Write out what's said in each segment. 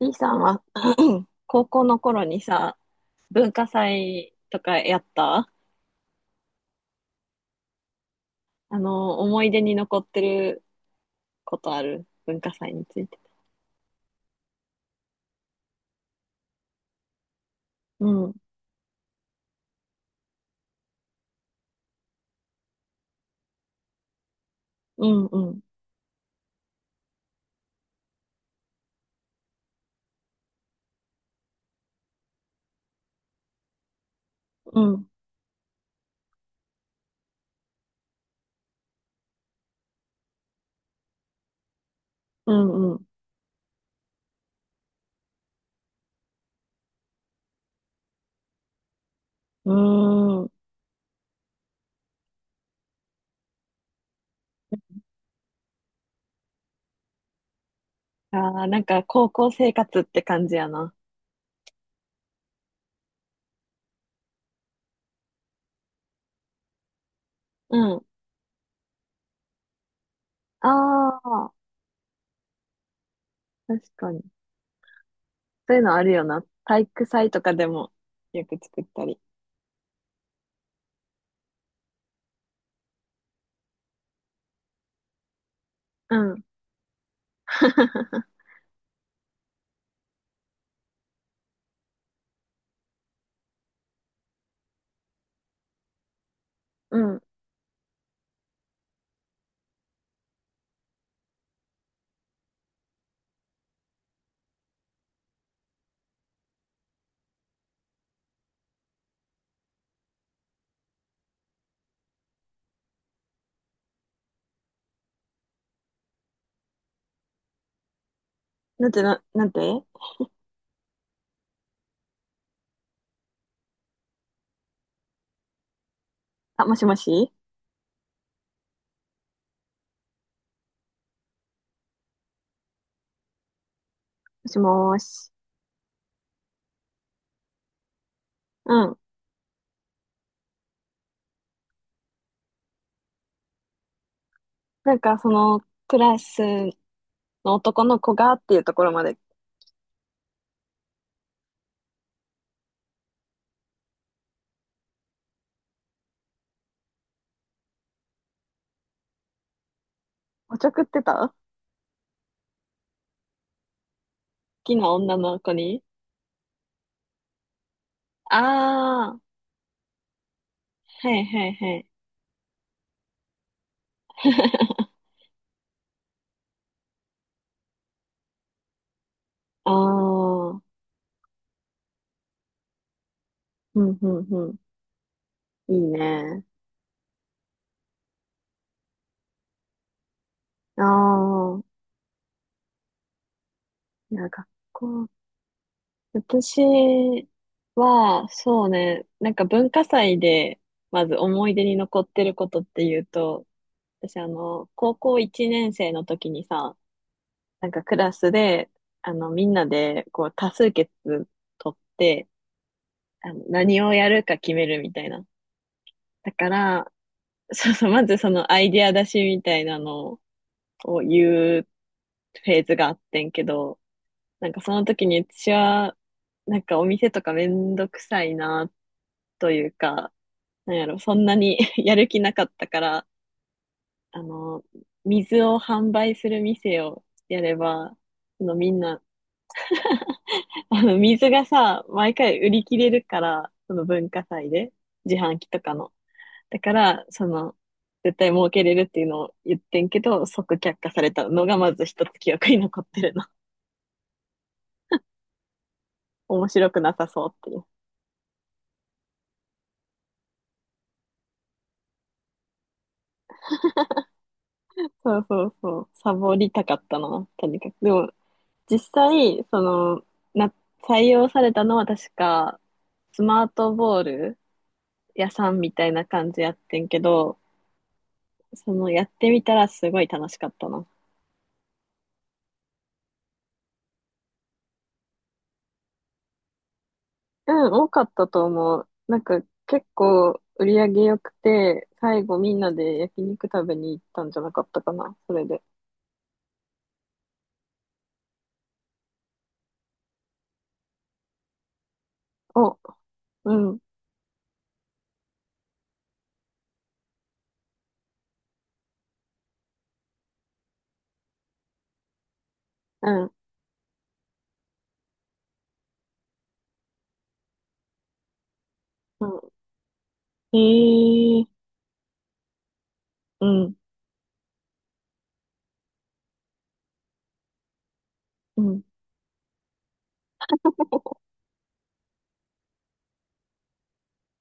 B さんは高校の頃にさ、文化祭とかやった思い出に残ってることある文化祭について。うん、うん、うん、うん、うん、うん。うーん。ああ、なんか高校生活って感じやな。うん。ああ、確かに。そういうのあるよな。体育祭とかでもよく作ったり。うん。うん。なんてな、なんてあ、もしもしもしもーし。うん。なんかそのクラスの男の子がっていうところまで。おちょくってた好きな女の子にああ、はいはいはい。ああ、うん、うん、うん。いいね。ああ、いや、学校。私は、そうね、なんか文化祭で、まず思い出に残ってることっていうと、私高校1年生の時にさ、なんかクラスで、みんなで、こう、多数決取って、何をやるか決めるみたいな。だから、そうそう、まずそのアイディア出しみたいなのを言うフェーズがあってんけど、なんかその時に私は、なんかお店とかめんどくさいなというか、なんやろ、そんなに やる気なかったから、あの、水を販売する店をやれば、そのみんな、水がさ、毎回売り切れるから、その文化祭で、自販機とかの。だから、その、絶対儲けれるっていうのを言ってんけど、即却下されたのがまず一つ記憶に残ってるな。面白くなさそうっていう。そうそうそう。サボりたかったな、とにかく。でも、実際、その、な、採用されたのは確か、スマートボール屋さんみたいな感じやってんけど、その、やってみたらすごい楽しかったな。うん、多かったと思う。なんか結構売り上げ良くて、最後みんなで焼肉食べに行ったんじゃなかったかな、それで。お、うん、うん、うん。ええー、うん、うん。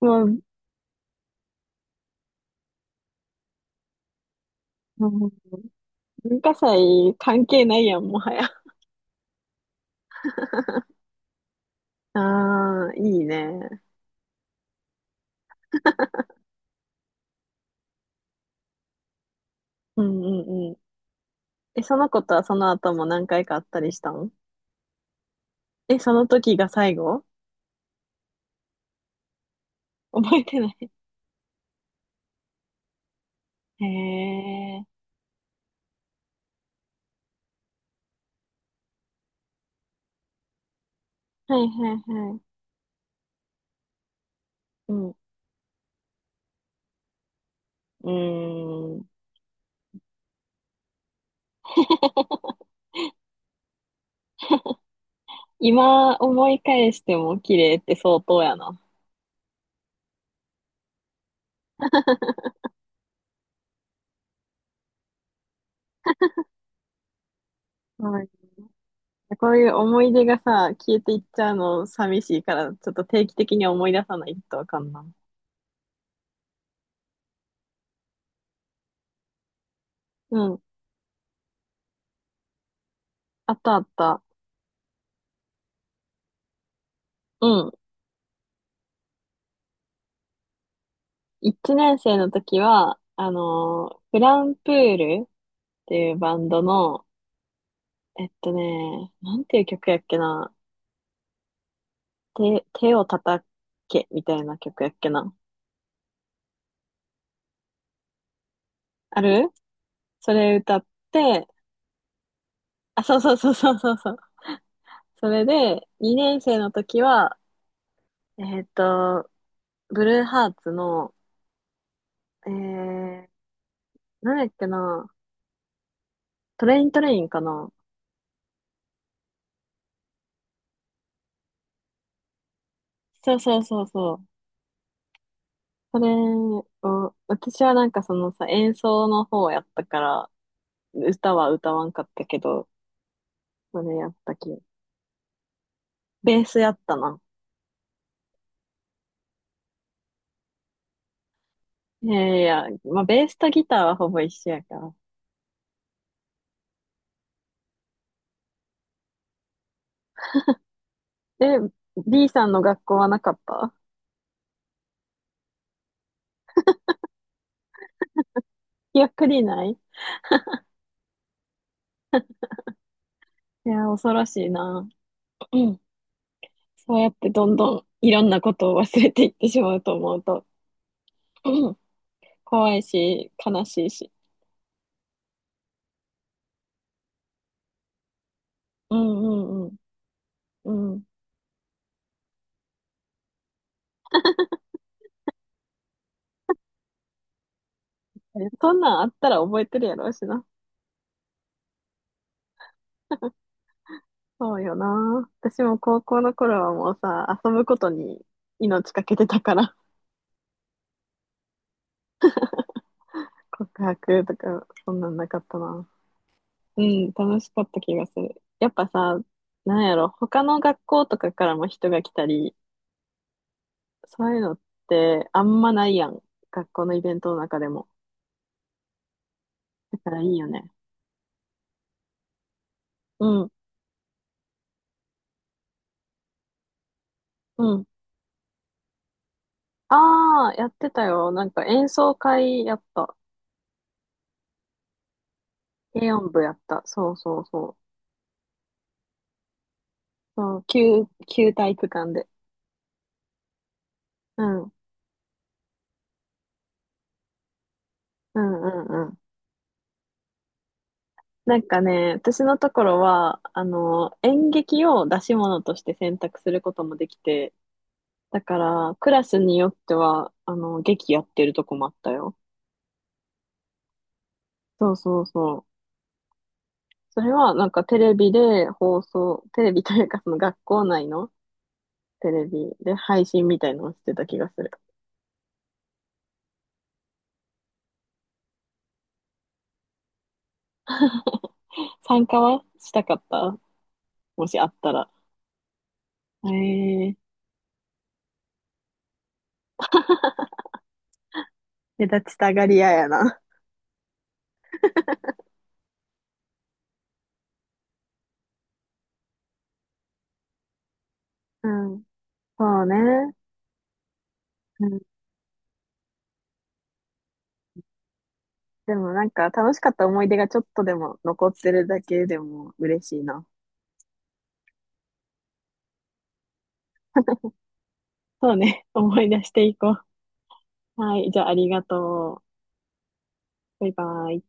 もう、うん、文化祭関係ないやん、もはや。ああ、いいね。うんうんうん。え、その子とはその後も何回かあったりしたの？え、その時が最後？覚えてない。へえ。はいはいはい。うん。うーん。今思い返しても綺麗って相当やな。はい。こういう思い出がさ、消えていっちゃうの寂しいから、ちょっと定期的に思い出さないとわかんない。うん。あったあった。うん。一年生の時は、あのーフランプールっていうバンドの、なんていう曲やっけな。手を叩けみたいな曲やっけな。ある、それ歌って、あ、そうそうそうそうそうそう。それで、2年生の時は、えっと、ブルーハーツの、えー、なんだっけな、トレイントレインかな。そうそうそうそう。それを、私はなんかそのさ、演奏の方をやったから、歌は歌わんかったけど、それやったけ。ベースやったな。いやいやいや、まあ、ベースとギターはほぼ一緒やから。で、B さんの学校はなかった？記憶にない。いや、恐ろしいな。そうやってどんどんいろんなことを忘れていってしまうと思うと、うん、怖いし、悲しいし。うんうんうん。うん。そんなんあったら覚えてるやろうしな。そうよな。私も高校の頃はもうさ、遊ぶことに命かけてたから、告白とか、そんなんなかったな。うん、楽しかった気がする。やっぱさ、なんやろ、他の学校とかからも人が来たり、そういうのってあんまないやん。学校のイベントの中でも。だからいいよね。うん、うん。ああ、やってたよ。なんか演奏会やった。軽音部やった。そうそうそう。そう、旧体育館で。うん、うん、うん、うん。なんかね、私のところは、演劇を出し物として選択することもできて、だから、クラスによっては、劇やってるとこもあったよ。そうそうそう。それは、なんかテレビで放送、テレビというか、その学校内のテレビで配信みたいのをしてた気がする。参加はしたかった、もしあったら。ええ、 目立ちたがり屋やな。うん。そうね。うん。でもなんか楽しかった思い出がちょっとでも残ってるだけでも嬉しいな。そうね。思い出していこう。はい。じゃあありがとう。バイバイ。